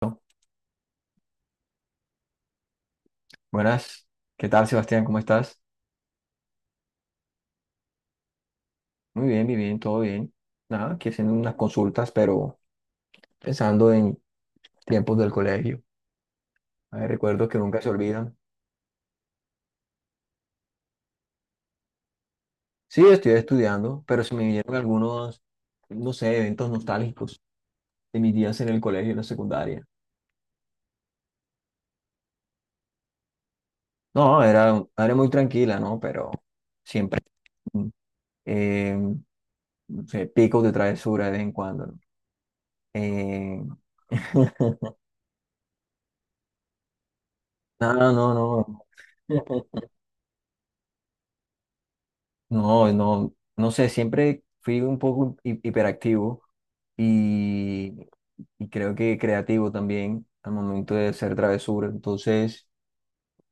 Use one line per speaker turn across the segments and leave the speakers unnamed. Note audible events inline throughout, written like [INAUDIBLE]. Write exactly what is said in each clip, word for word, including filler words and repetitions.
Bueno, buenas, ¿qué tal Sebastián? ¿Cómo estás? Muy bien, muy bien, todo bien. Nada, aquí haciendo unas consultas, pero pensando en tiempos del colegio. Hay recuerdos que nunca se olvidan. Sí, estoy estudiando, pero se me vinieron algunos, no sé, eventos nostálgicos de mis días en el colegio, en la secundaria. No, era, era muy tranquila, ¿no? Pero siempre, mm, eh, no sé, picos de travesura de vez en cuando, ¿no? Eh, [LAUGHS] no, no, no. [LAUGHS] No, no, no sé, siempre fui un poco hi- hiperactivo y, y creo que creativo también al momento de hacer travesura. Entonces,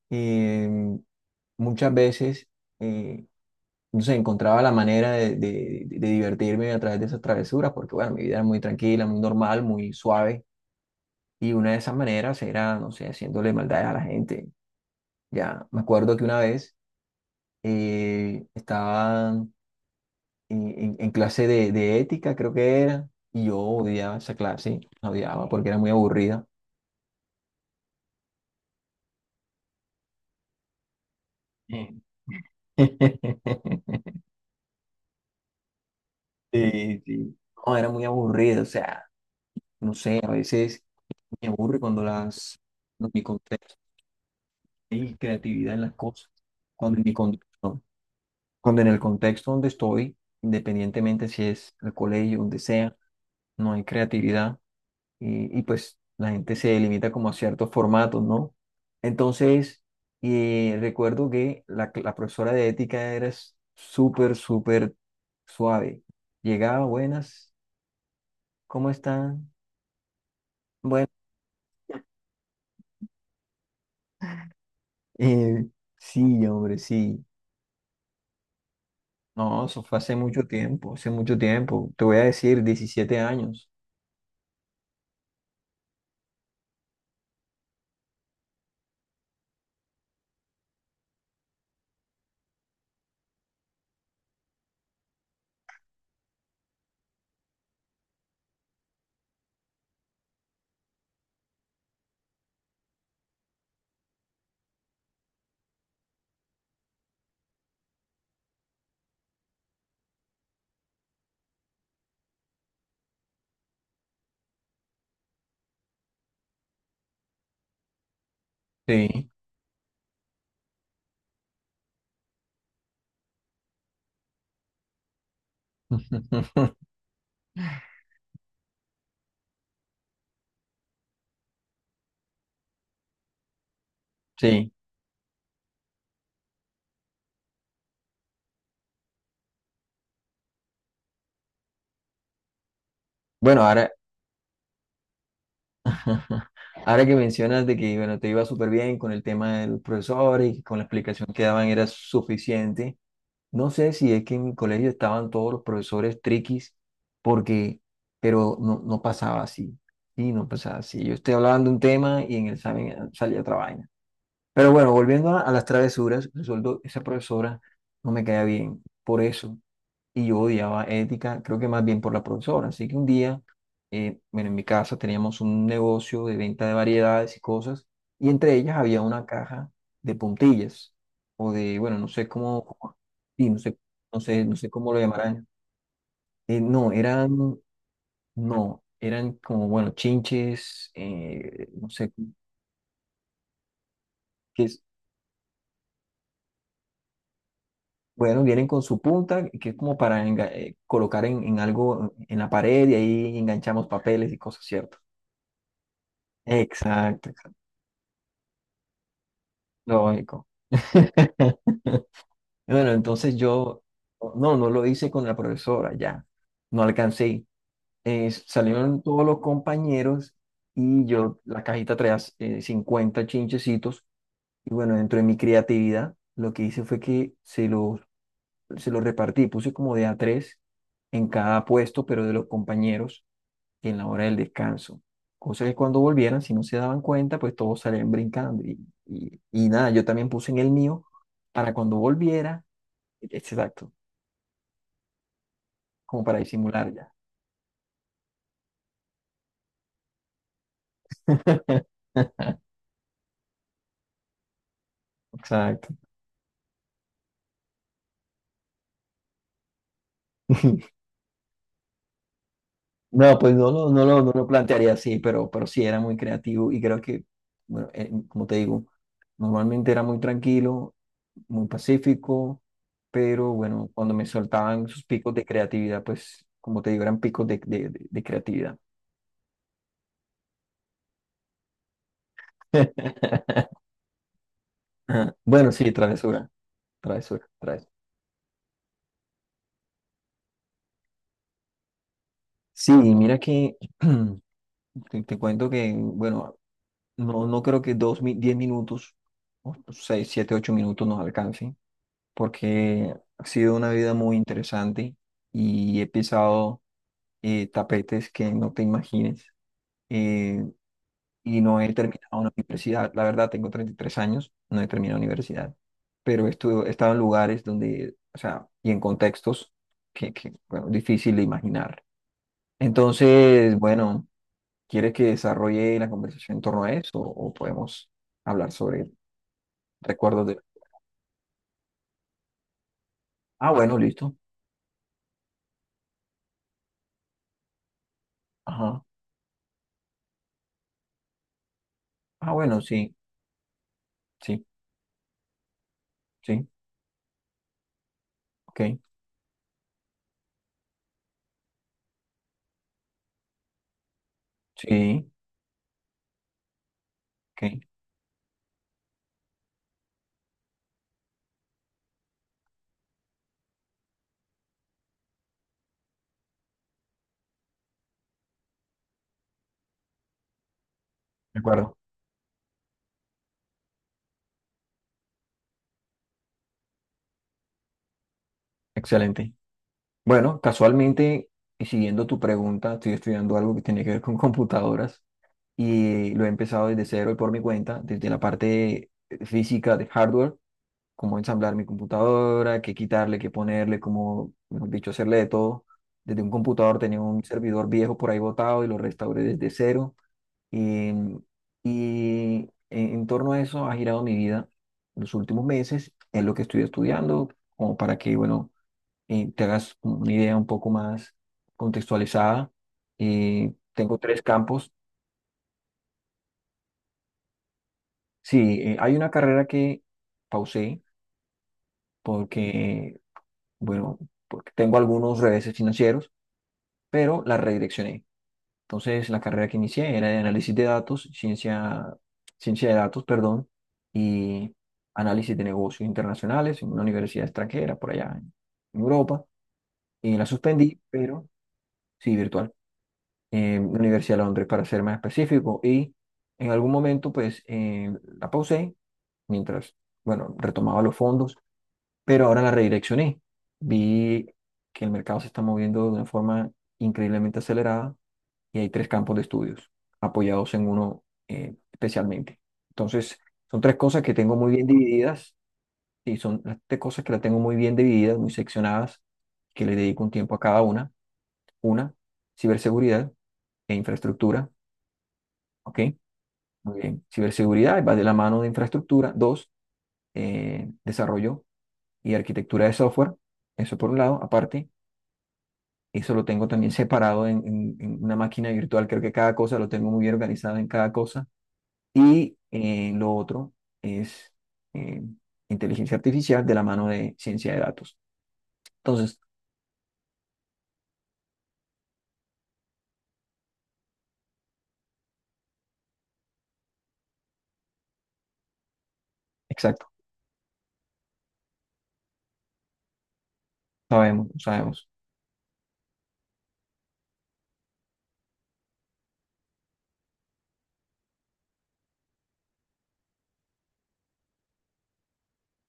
em, muchas veces, eh, no sé, encontraba la manera de, de- de divertirme a través de esas travesuras, porque bueno, mi vida era muy tranquila, muy normal, muy suave. Y una de esas maneras era, no sé, haciéndole maldades a la gente. Ya, me acuerdo que una vez eh, estaba en, en clase de, de ética, creo que era, y yo odiaba esa clase, la odiaba porque era muy aburrida. [LAUGHS] Sí, sí. No, era muy aburrida, o sea, no sé, a veces me aburre cuando las, cuando mi contexto y creatividad en las cosas, cuando en mi contexto, cuando en el contexto donde estoy, independientemente si es el colegio, donde sea, no hay creatividad. y, y, pues la gente se limita como a ciertos formatos, ¿no? Entonces, eh, recuerdo que la, cl- la profesora de ética era s- súper, súper suave. Llegaba, buenas, ¿cómo están? Bueno, eh, sí, hombre, sí. No, eso fue hace mucho tiempo, hace mucho tiempo. Te voy a decir, diecisiete años. Sí. [LAUGHS] Sí. Bueno, ahora. [LAUGHS] Ajá. Ahora que mencionas de que, bueno, te iba súper bien con el tema del profesor y con la explicación que daban era suficiente. No sé si es que en mi colegio estaban todos los profesores triquis, porque, pero no, no pasaba así. Y no pasaba así. Yo estoy hablando de un tema y en el examen salía otra vaina. Pero bueno, volviendo a, a las travesuras, resultó esa profesora no me caía bien por eso. Y yo odiaba ética, creo que más bien por la profesora. Así que un día, eh, bueno, en mi casa teníamos un negocio de venta de variedades y cosas, y entre ellas había una caja de puntillas, o de, bueno, no sé cómo, cómo- Sí, no sé, no sé, no sé cómo lo llamarán. Eh, no, eran, no, eran como, bueno, chinches, eh, no sé, que, bueno, vienen con su punta, que es como para enga- eh, colocar en, en algo en la pared y ahí enganchamos papeles y cosas, ¿cierto? Exacto, exacto. Lógico. [LAUGHS] Bueno, entonces yo, no, no lo hice con la profesora, ya, no alcancé. Eh, salieron todos los compañeros y yo, la cajita traía eh, cincuenta chinchecitos y bueno, dentro de mi creatividad, lo que hice fue que se los, se los repartí, puse como de a tres en cada puesto, pero de los compañeros en la hora del descanso. Cosa que cuando volvieran, si no se daban cuenta, pues todos salían brincando. Y, y, y nada, yo también puse en el mío para cuando volviera, exacto, como para disimular ya. [LAUGHS] Exacto. [LAUGHS] No, pues no lo, no lo, no lo plantearía así, pero, pero sí era muy creativo y creo que, bueno, eh, como te digo, normalmente era muy tranquilo, muy pacífico, pero bueno, cuando me soltaban sus picos de creatividad, pues como te digo, eran picos de, de de- de creatividad. [LAUGHS] Bueno, sí, travesura, travesura, travesura. Sí, mira que [CLEARS THROAT] te, te cuento que, bueno, no, no creo que dos, mi- diez minutos, o seis, siete, ocho minutos nos alcancen, porque ha sido una vida muy interesante y he pisado eh, tapetes que no te imagines. Eh, y no he terminado una universidad. La verdad, tengo treinta y tres años, no he terminado universidad, pero estu- he estado en lugares donde, o sea, y en contextos que, que bueno, difícil de imaginar. Entonces, bueno, ¿quieres que desarrolle la conversación en torno a eso o podemos hablar sobre recuerdos de. Ah, bueno, listo. Ajá. Ah, bueno, sí, sí, sí, ok, sí, ok, de acuerdo, excelente. Bueno, casualmente, y siguiendo tu pregunta, estoy estudiando algo que tiene que ver con computadoras. Y lo he empezado desde cero y por mi cuenta, desde la parte física de hardware, cómo ensamblar mi computadora, qué quitarle, qué ponerle, cómo, mejor dicho, hacerle de todo. Desde un computador tenía un servidor viejo por ahí botado y lo restauré desde cero. Y, y en, en torno a eso ha girado mi vida los últimos meses, es lo que estoy estudiando, como para que, bueno, eh, te hagas una idea un poco más contextualizada. Eh, tengo tres campos. Sí, eh, hay una carrera que pausé porque, bueno, porque tengo algunos reveses financieros, pero la redireccioné. Entonces, la carrera que inicié era de análisis de datos, ciencia, ciencia de datos, perdón, y análisis de negocios internacionales en una universidad extranjera, por allá en en Europa, y la suspendí, pero sí, virtual, en la Universidad de Londres, para ser más específico, y en algún momento, pues, eh, la pausé mientras, bueno, retomaba los fondos pero ahora la redireccioné. Vi que el mercado se está moviendo de una forma increíblemente acelerada y hay tres campos de estudios apoyados en uno eh, especialmente. Entonces, son tres cosas que tengo muy bien divididas y son las tres cosas que las tengo muy bien divididas, muy seccionadas, que le dedico un tiempo a cada una. Una, ciberseguridad e infraestructura, ¿ok? Muy bien. Ciberseguridad va de la mano de infraestructura. Dos, eh, desarrollo y arquitectura de software. Eso por un lado, aparte. Eso lo tengo también separado en, en- en una máquina virtual. Creo que cada cosa lo tengo muy bien organizado en cada cosa. Y eh, lo otro es eh, inteligencia artificial de la mano de ciencia de datos. Entonces, exacto, sabemos, sabemos.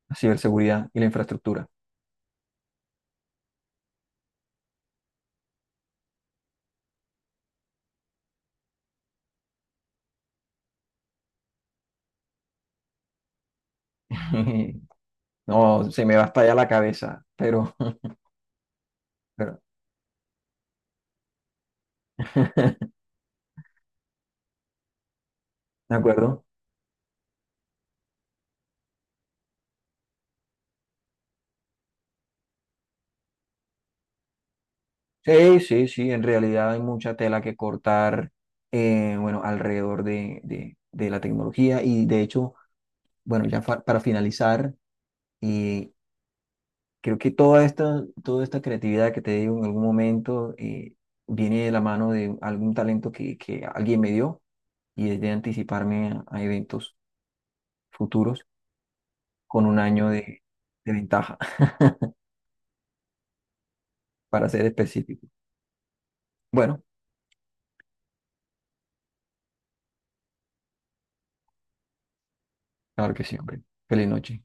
La ciberseguridad y la infraestructura. [LAUGHS] No, se me va a estallar la cabeza, pero, [LAUGHS] pero, [LAUGHS] ¿de acuerdo? Sí, sí, sí, en realidad hay mucha tela que cortar, eh, bueno, alrededor de, de de la tecnología y de hecho. Bueno, ya fa- para finalizar, eh, creo que toda esta, toda esta creatividad que te digo en algún momento eh, viene de la mano de algún talento que, que alguien me dio y es de anticiparme a, a eventos futuros con un año de, de ventaja, [LAUGHS] para ser específico. Bueno, claro que sí, hombre. Feliz noche.